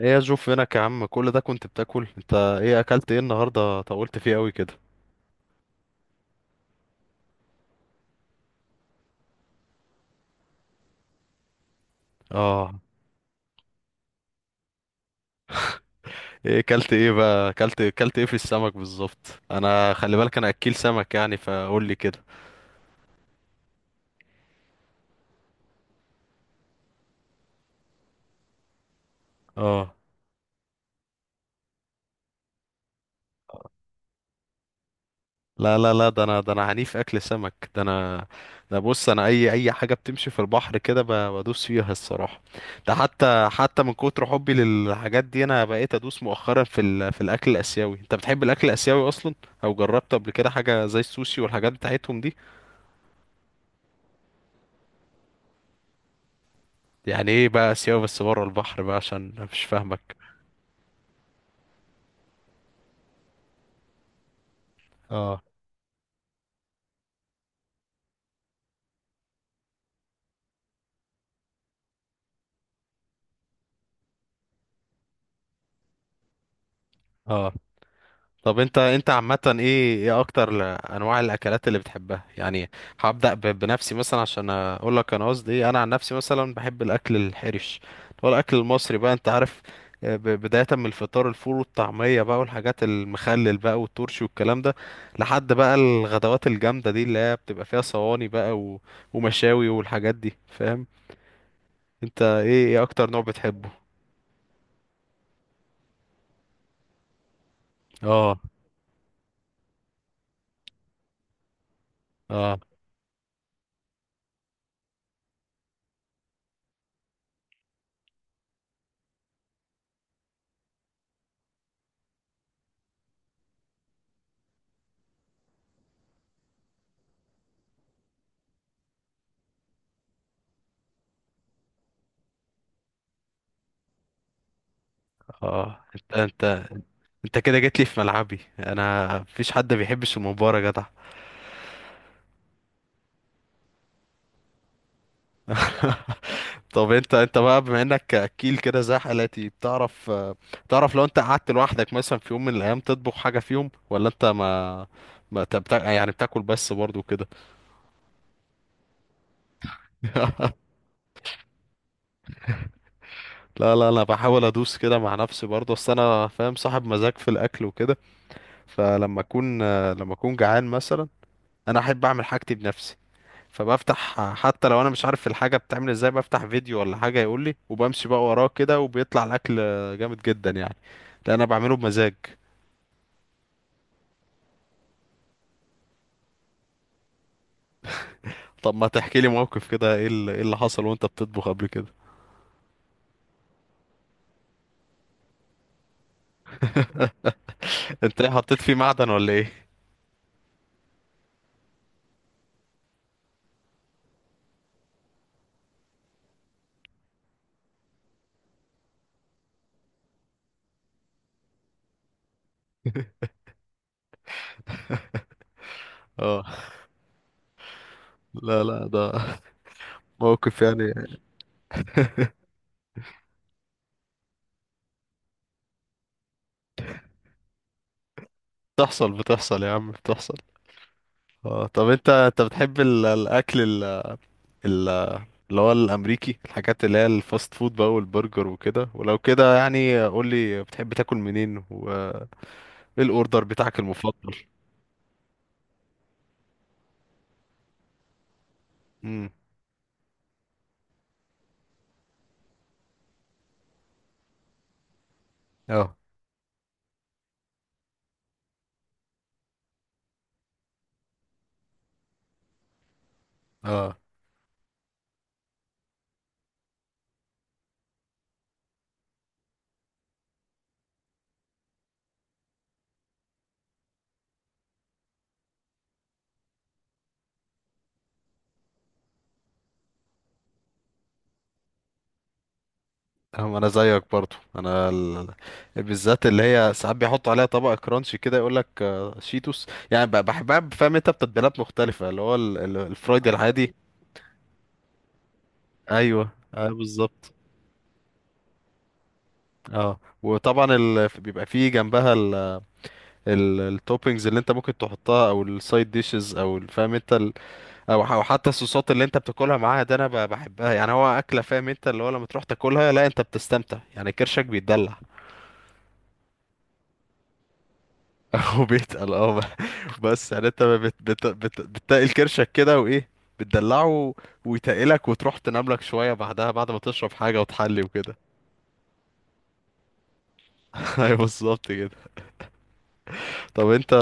ايه يا جو؟ فينك يا عم، كل ده كنت بتاكل؟ انت ايه اكلت ايه النهارده؟ طولت فيه قوي كده. اه. ايه اكلت؟ ايه بقى اكلت ايه في السمك بالظبط؟ انا خلي بالك انا اكيل سمك، يعني فقول لي كده. اه. لا لا لا، ده انا، ده انا عنيف اكل سمك، ده انا. ده بص انا اي اي حاجه بتمشي في البحر كده بدوس فيها الصراحه. ده حتى من كتر حبي للحاجات دي انا بقيت ادوس مؤخرا في الاكل الاسيوي. انت بتحب الاكل الاسيوي اصلا؟ او جربت قبل كده حاجه زي السوشي والحاجات بتاعتهم دي؟ يعني ايه بقى سيوة بس بره البحر بقى؟ عشان أنا مش فاهمك. اه. اه. طب انت عامة ايه ايه اكتر انواع الاكلات اللي بتحبها يعني؟ هبدأ بنفسي مثلا عشان اقول لك انا قصدي ايه. انا عن نفسي مثلا بحب الاكل الحرش، هو الاكل المصري بقى انت عارف. بداية من الفطار، الفول والطعمية بقى، والحاجات المخلل بقى والترشي والكلام ده، لحد بقى الغدوات الجامدة دي اللي هي بتبقى فيها صواني بقى ومشاوي والحاجات دي فاهم. انت ايه ايه اكتر نوع بتحبه؟ اه. اه. اه. انت كده جيت لي في ملعبي، انا مفيش حد بيحبش المباراة يا جدع. طب انت بقى بما انك اكيل كده زي حالاتي، بتعرف تعرف لو انت قعدت لوحدك مثلا في يوم من الايام تطبخ حاجة فيهم؟ ولا انت ما انت يعني بتاكل بس برضو كده؟ لا لا، انا بحاول ادوس كده مع نفسي برضو، اصل انا فاهم، صاحب مزاج في الاكل وكده. فلما اكون لما اكون جعان مثلا انا احب اعمل حاجتي بنفسي. فبفتح حتى لو انا مش عارف الحاجه بتعمل ازاي، بفتح فيديو ولا حاجه يقول لي، وبمشي بقى وراه كده، وبيطلع الاكل جامد جدا يعني، لان انا بعمله بمزاج. طب ما تحكي لي موقف كده، إيه اللي حصل وانت بتطبخ قبل كده؟ انت ايه حطيت فيه معدن ولا ايه؟ اه. لا لا ده موقف يعني. بتحصل، بتحصل يا عم، بتحصل. اه طب انت بتحب الاكل ال- اللي هو الامريكي، الحاجات اللي هي الفاست فود بقى والبرجر وكده؟ ولو كده يعني قول لي بتحب تاكل منين ايه الاوردر بتاعك المفضل؟ امم. اه. اه. أه، انا زيك برضو. بالذات اللي هي ساعات بيحطوا عليها طبق كرانشي كده، يقول لك شيتوس يعني، بحبها. فاهم انت بتتبيلات مختلفه اللي هو الفرايد العادي. ايوه اه بالظبط. اه وطبعا بيبقى فيه جنبها التوبينجز اللي انت ممكن تحطها، او السايد ديشز، فاهم انت، او حتى الصوصات اللي انت بتاكلها معاها، ده انا بحبها يعني. هو اكله، فاهم انت، اللي هو لما تروح تاكلها لا انت بتستمتع يعني، كرشك بيتدلع. او بيتقل، اه، بس يعني انت بت بت بت بتتقل كرشك كده، وايه بتدلعه ويتقلك، وتروح تنام لك شويه بعدها بعد ما تشرب حاجه وتحلي وكده. ايوه بالظبط كده. طب انت،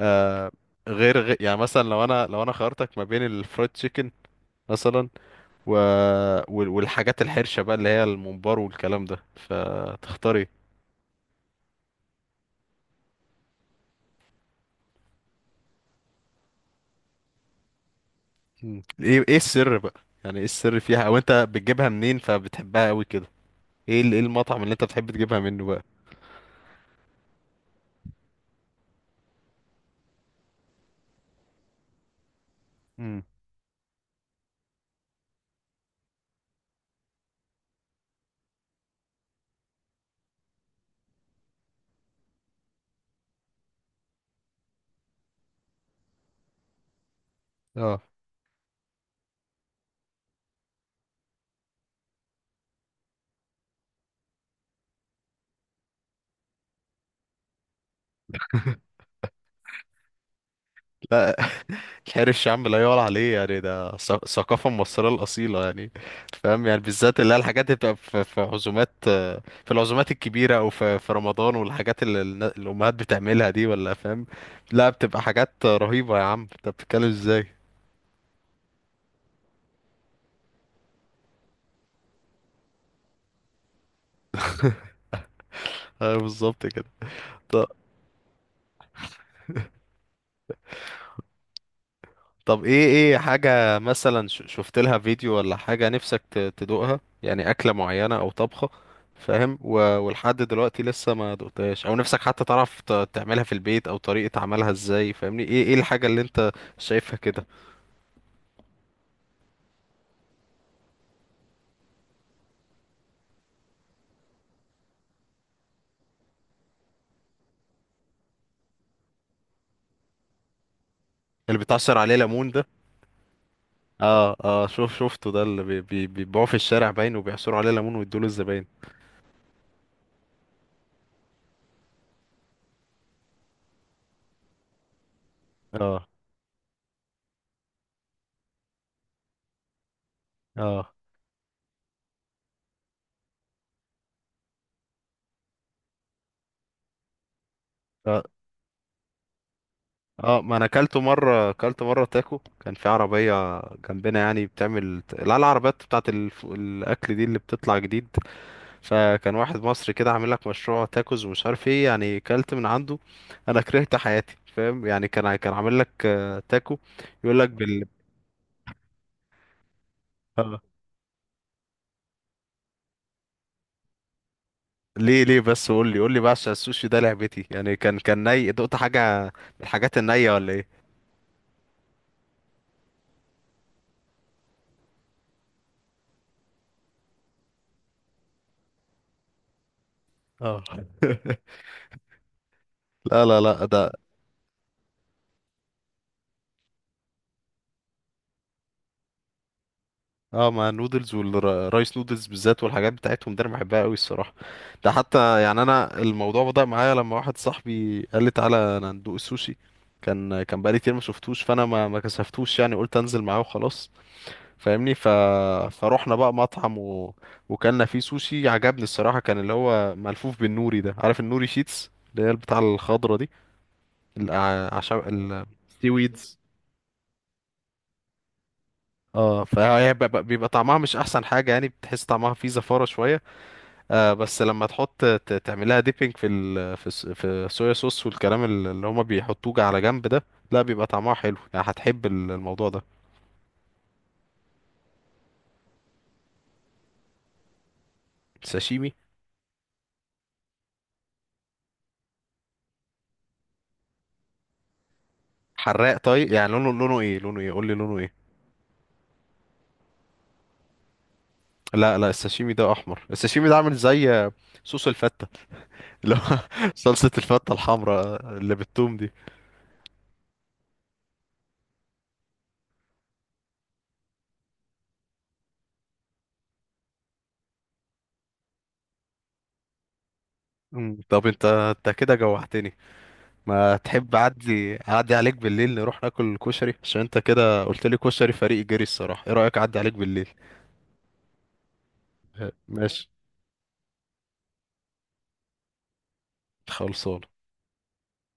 آه، غير يعني مثلا لو انا، لو انا خيرتك ما بين الفرايد تشيكن مثلا و... والحاجات الحرشه بقى اللي هي الممبار والكلام ده، فتختاري؟ مم. ايه ايه السر بقى؟ يعني ايه السر فيها؟ او انت بتجيبها منين فبتحبها قوي كده؟ ايه ايه المطعم اللي انت بتحب تجيبها منه بقى؟ امم. اه. لا. الحرش يا عم لا يعلى عليه يعني، ده ثقافة مصرية الأصيلة يعني. فاهم يعني، بالذات اللي هي الحاجات اللي بتبقى في في عزومات، في العزومات الكبيرة، أو في في رمضان، والحاجات اللي الأمهات بتعملها دي، ولا فاهم؟ لا بتبقى حاجات رهيبة يا عم، أنت بتتكلم إزاي؟ أيوة بالظبط كده. طب ايه ايه حاجة مثلا شفت لها فيديو ولا حاجة نفسك تدوقها؟ يعني أكلة معينة أو طبخة فاهم، ولحد دلوقتي لسه ما دقتهاش، أو نفسك حتى تعرف تعملها في البيت، أو طريقة عملها ازاي، فاهمني؟ ايه ايه الحاجة اللي انت شايفها كده؟ اللي بتعصر عليه ليمون ده؟ اه. اه شوف شفته، ده اللي بيبيعوه في الشارع باين، وبيعصروا عليه ليمون ويدوله الزباين. اه. اه. اه ما انا اكلته مره، اكلت مره تاكو كان في عربيه جنبنا يعني بتعمل، لا العربيات بتاعت الاكل دي اللي بتطلع جديد، فكان واحد مصري كده عامل لك مشروع تاكوز ومش عارف ايه، يعني اكلت من عنده انا كرهت حياتي، فاهم يعني. كان كان عامل لك تاكو، يقول لك بال... آه. ليه ليه بس؟ قول لي قول لي بقى، عشان السوشي ده لعبتي يعني. كان كان ني دقت حاجه من الحاجات النيه ولا ايه؟ اه. لا لا لا ده. اه مع النودلز والرايس نودلز بالذات والحاجات بتاعتهم دي انا بحبها قوي الصراحه. ده حتى يعني انا الموضوع بدأ معايا لما واحد صاحبي قال لي تعالى انا ندوق السوشي، كان كان بقالي كتير ما شفتوش، فانا ما كسفتوش يعني، قلت انزل معاه وخلاص، فاهمني. فروحنا بقى مطعم وكلنا فيه سوشي. عجبني الصراحه كان اللي هو ملفوف بالنوري ده، عارف النوري شيتس اللي هي بتاع الخضره دي؟ عشان ال... سي ويدز. اه، فهي بيبقى بيبقى طعمها مش احسن حاجه يعني، بتحس طعمها فيه زفاره شويه. آه بس لما تحط تعملها ديبينج في ال في في الصويا صوص والكلام اللي هما بيحطوه على جنب ده، لا بيبقى طعمها حلو يعني، هتحب الموضوع ده. ساشيمي؟ حراق طيب يعني. لونه لونه ايه؟ لونه ايه قول لي؟ لونه ايه؟ لا لا الساشيمي ده احمر، الساشيمي ده عامل زي صوص الفتة، اللي هو صلصة الفتة الحمراء اللي بالثوم دي. مم. طب انت كده جوعتني. ما تحب اعدي عليك بالليل نروح ناكل كشري؟ عشان انت كده قلت لي كشري فريق جري الصراحة. ايه رأيك اعدي عليك بالليل؟ ماشي. خلصان.